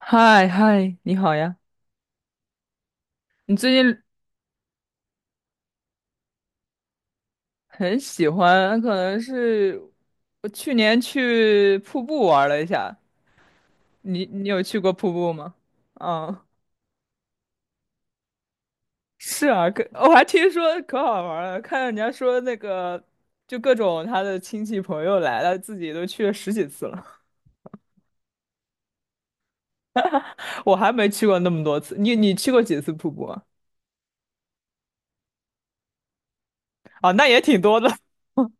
嗨嗨，你好呀！你最近。很喜欢，可能是我去年去瀑布玩了一下。你有去过瀑布吗？嗯，是啊，可我还听说可好玩了，看人家说那个，就各种他的亲戚朋友来了，自己都去了十几次了。我还没去过那么多次，你去过几次瀑布啊？啊，那也挺多的。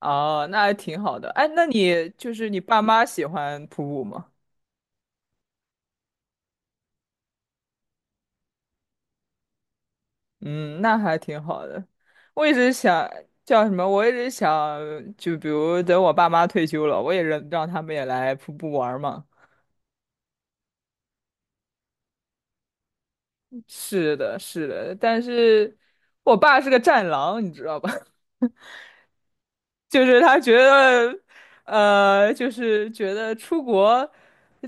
哦，那还挺好的。哎，那你就是你爸妈喜欢瀑布吗？嗯，那还挺好的。我一直想叫什么？我一直想，就比如等我爸妈退休了，我也让他们也来瀑布玩儿嘛。是的，是的，但是我爸是个战狼，你知道吧？就是他觉得，就是觉得出国，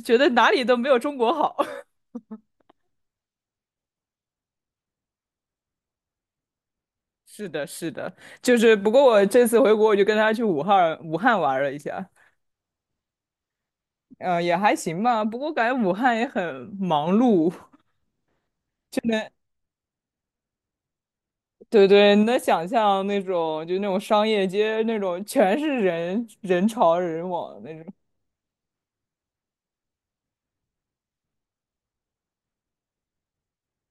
觉得哪里都没有中国好。是的，是的，就是不过我这次回国，我就跟他去武汉玩了一下，嗯，也还行吧。不过感觉武汉也很忙碌。对对，你能想象那种就那种商业街那种全是人人潮人往那种。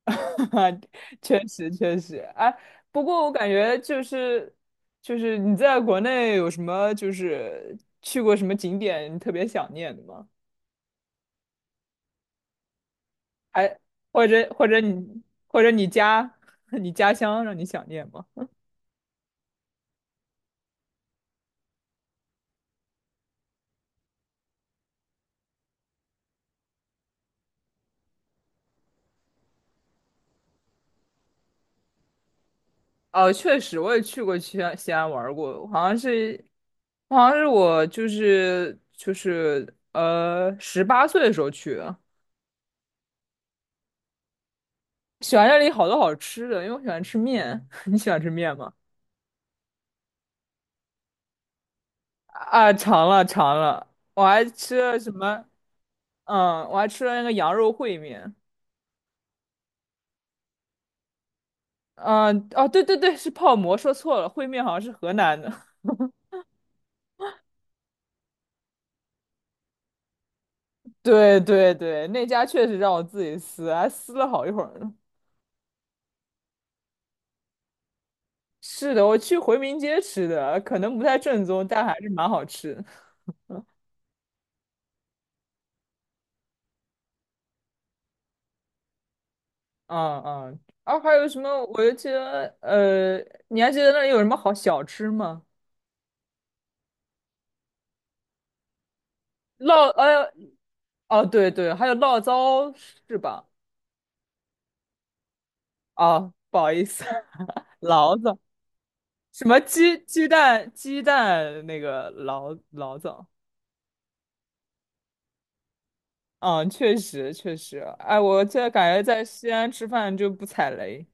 确实确实，哎，不过我感觉就是你在国内有什么，就是去过什么景点你特别想念的吗？还或者或者你家 你家乡让你想念吗？哦，确实，我也去过西安，西安玩儿过，好像是，我就是18岁的时候去的。喜欢这里好多好吃的，因为我喜欢吃面。你喜欢吃面吗？啊，尝了尝了，我还吃了什么？嗯，我还吃了那个羊肉烩面。嗯，哦，对对对，是泡馍，说错了，烩面好像是河南的。对对对，那家确实让我自己撕，还撕了好一会儿呢。是的，我去回民街吃的，可能不太正宗，但还是蛮好吃。嗯嗯，啊，还有什么？我就记得，你还记得那里有什么好小吃吗？醪，呃，哦，对对，还有醪糟是吧？哦，不好意思，醪糟，什么鸡蛋那个醪糟。嗯，确实确实，哎，我现在感觉在西安吃饭就不踩雷。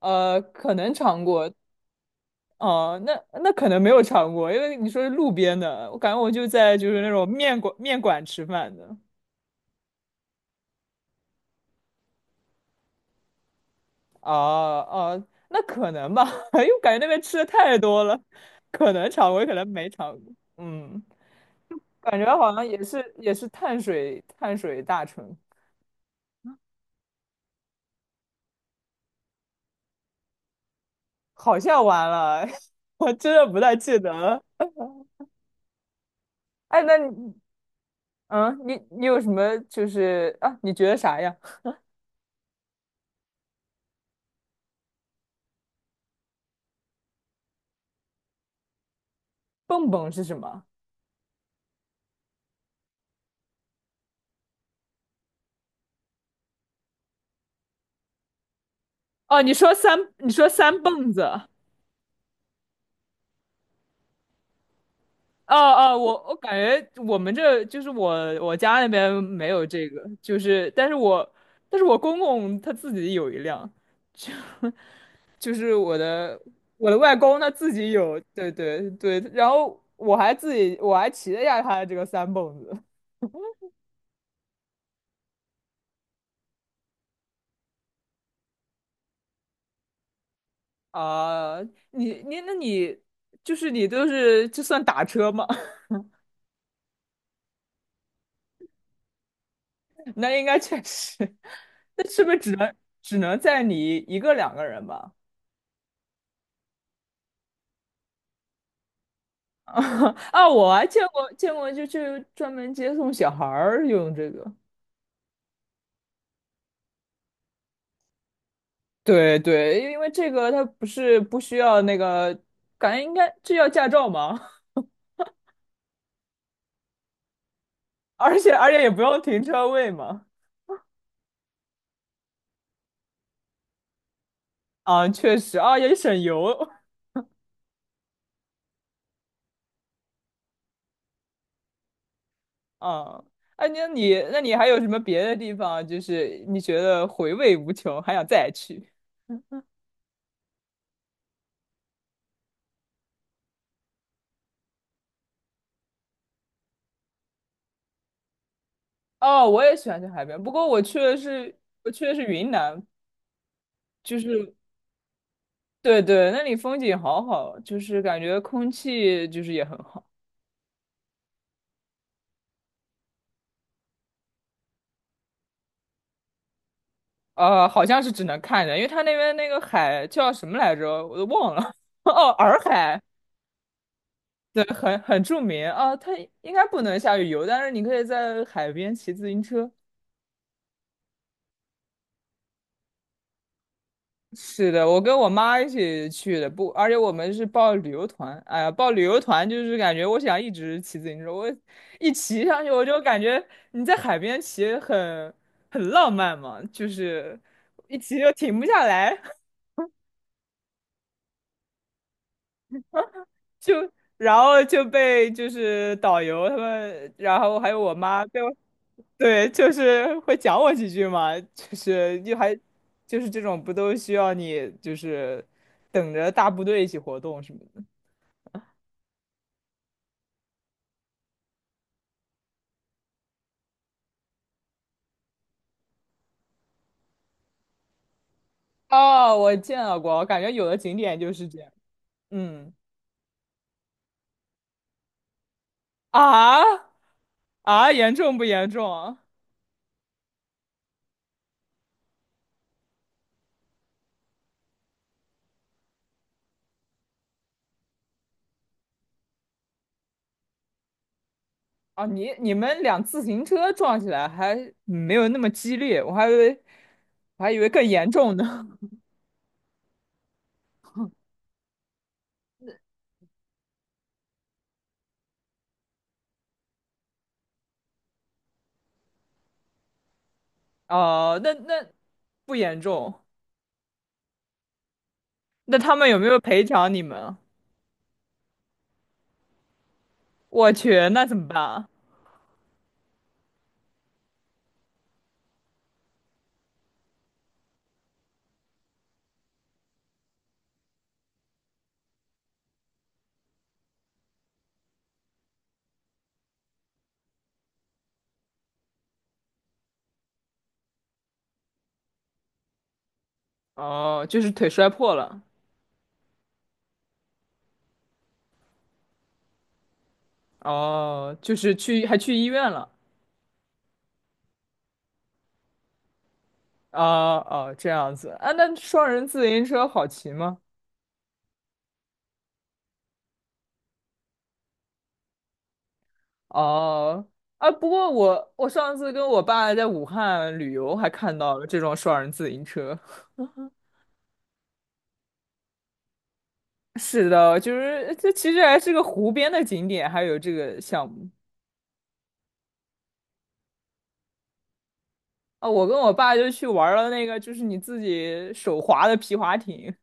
可能尝过，哦，那可能没有尝过，因为你说是路边的，我感觉我就在就是那种面馆吃饭的。哦哦，那可能吧，因为我感觉那边吃的太多了，可能尝过，也可能没尝过。嗯，感觉好像也是碳水碳水大城，好像完了。我真的不太记得了。哎，那你，你有什么就是啊？你觉得啥呀？蹦蹦是什么？哦，你说三蹦子。哦哦，我感觉我们这就是，我家那边没有这个，就是但是我公公他自己有一辆，就 就是我的外公他自己有，对对对，然后我还骑了一下他的这个三蹦子。啊，那你你都是，这算打车吗？那应该确实。那是不是只能载你一个两个人吧？啊，我还见过见过，就专门接送小孩儿用这个。对对，因为这个它不是不需要那个，感觉应该这要驾照吗？而且也不用停车位嘛。啊，确实啊，也省油啊。哎，那你还有什么别的地方啊，就是你觉得回味无穷，还想再去？哦，我也喜欢去海边，不过我去的是云南，就是对对，那里风景好好，就是感觉空气就是也很好。好像是只能看着，因为它那边那个海叫什么来着，我都忘了。哦，洱海，对，很著名啊。它应该不能下去游，但是你可以在海边骑自行车。是的，我跟我妈一起去的，不，而且我们是报旅游团。哎呀，报旅游团就是感觉我想一直骑自行车，我一骑上去我就感觉你在海边骑很浪漫嘛，就是一骑就停不下来。就然后就被就是导游他们，然后还有我妈被我。对，就是会讲我几句嘛，就是这种，不都需要你就是等着大部队一起活动什么的。哦，我见到过，我感觉有的景点就是这样。嗯啊啊，严重不严重啊？啊，你们辆自行车撞起来还没有那么激烈，我还以为更严重呢。哦，那不严重，那他们有没有赔偿你们？我去，那怎么办啊？哦，就是腿摔破了，哦，就是去还去医院了。哦哦，这样子啊，那双人自行车好骑吗？哦，啊，不过我上次跟我爸在武汉旅游，还看到了这种双人自行车。是的，就是这其实还是个湖边的景点，还有这个项目啊。我跟我爸就去玩了那个，就是你自己手划的皮划艇。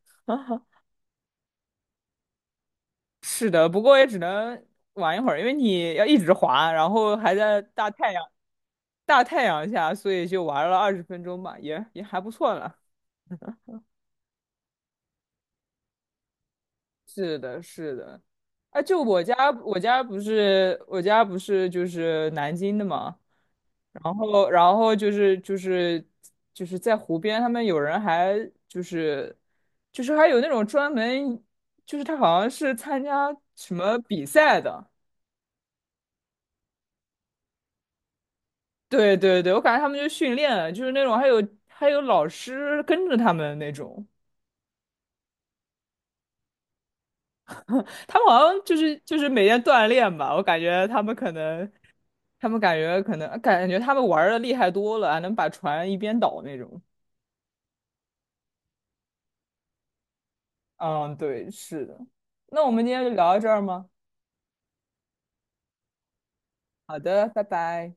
是的，不过也只能玩一会儿，因为你要一直滑，然后还在大太阳下，所以就玩了20分钟吧，也还不错了。是的，是的。啊，就我家，我家不是就是南京的嘛，然后，就是在湖边，他们有人还，就是就是还有那种专门，就是他好像是参加什么比赛的，对对对，我感觉他们就训练，就是那种，还有老师跟着他们那种。他们好像就是每天锻炼吧，我感觉他们可能，他们感觉他们玩的厉害多了，还能把船一边倒那种。嗯，对，是的。那我们今天就聊到这儿吗？好的，拜拜。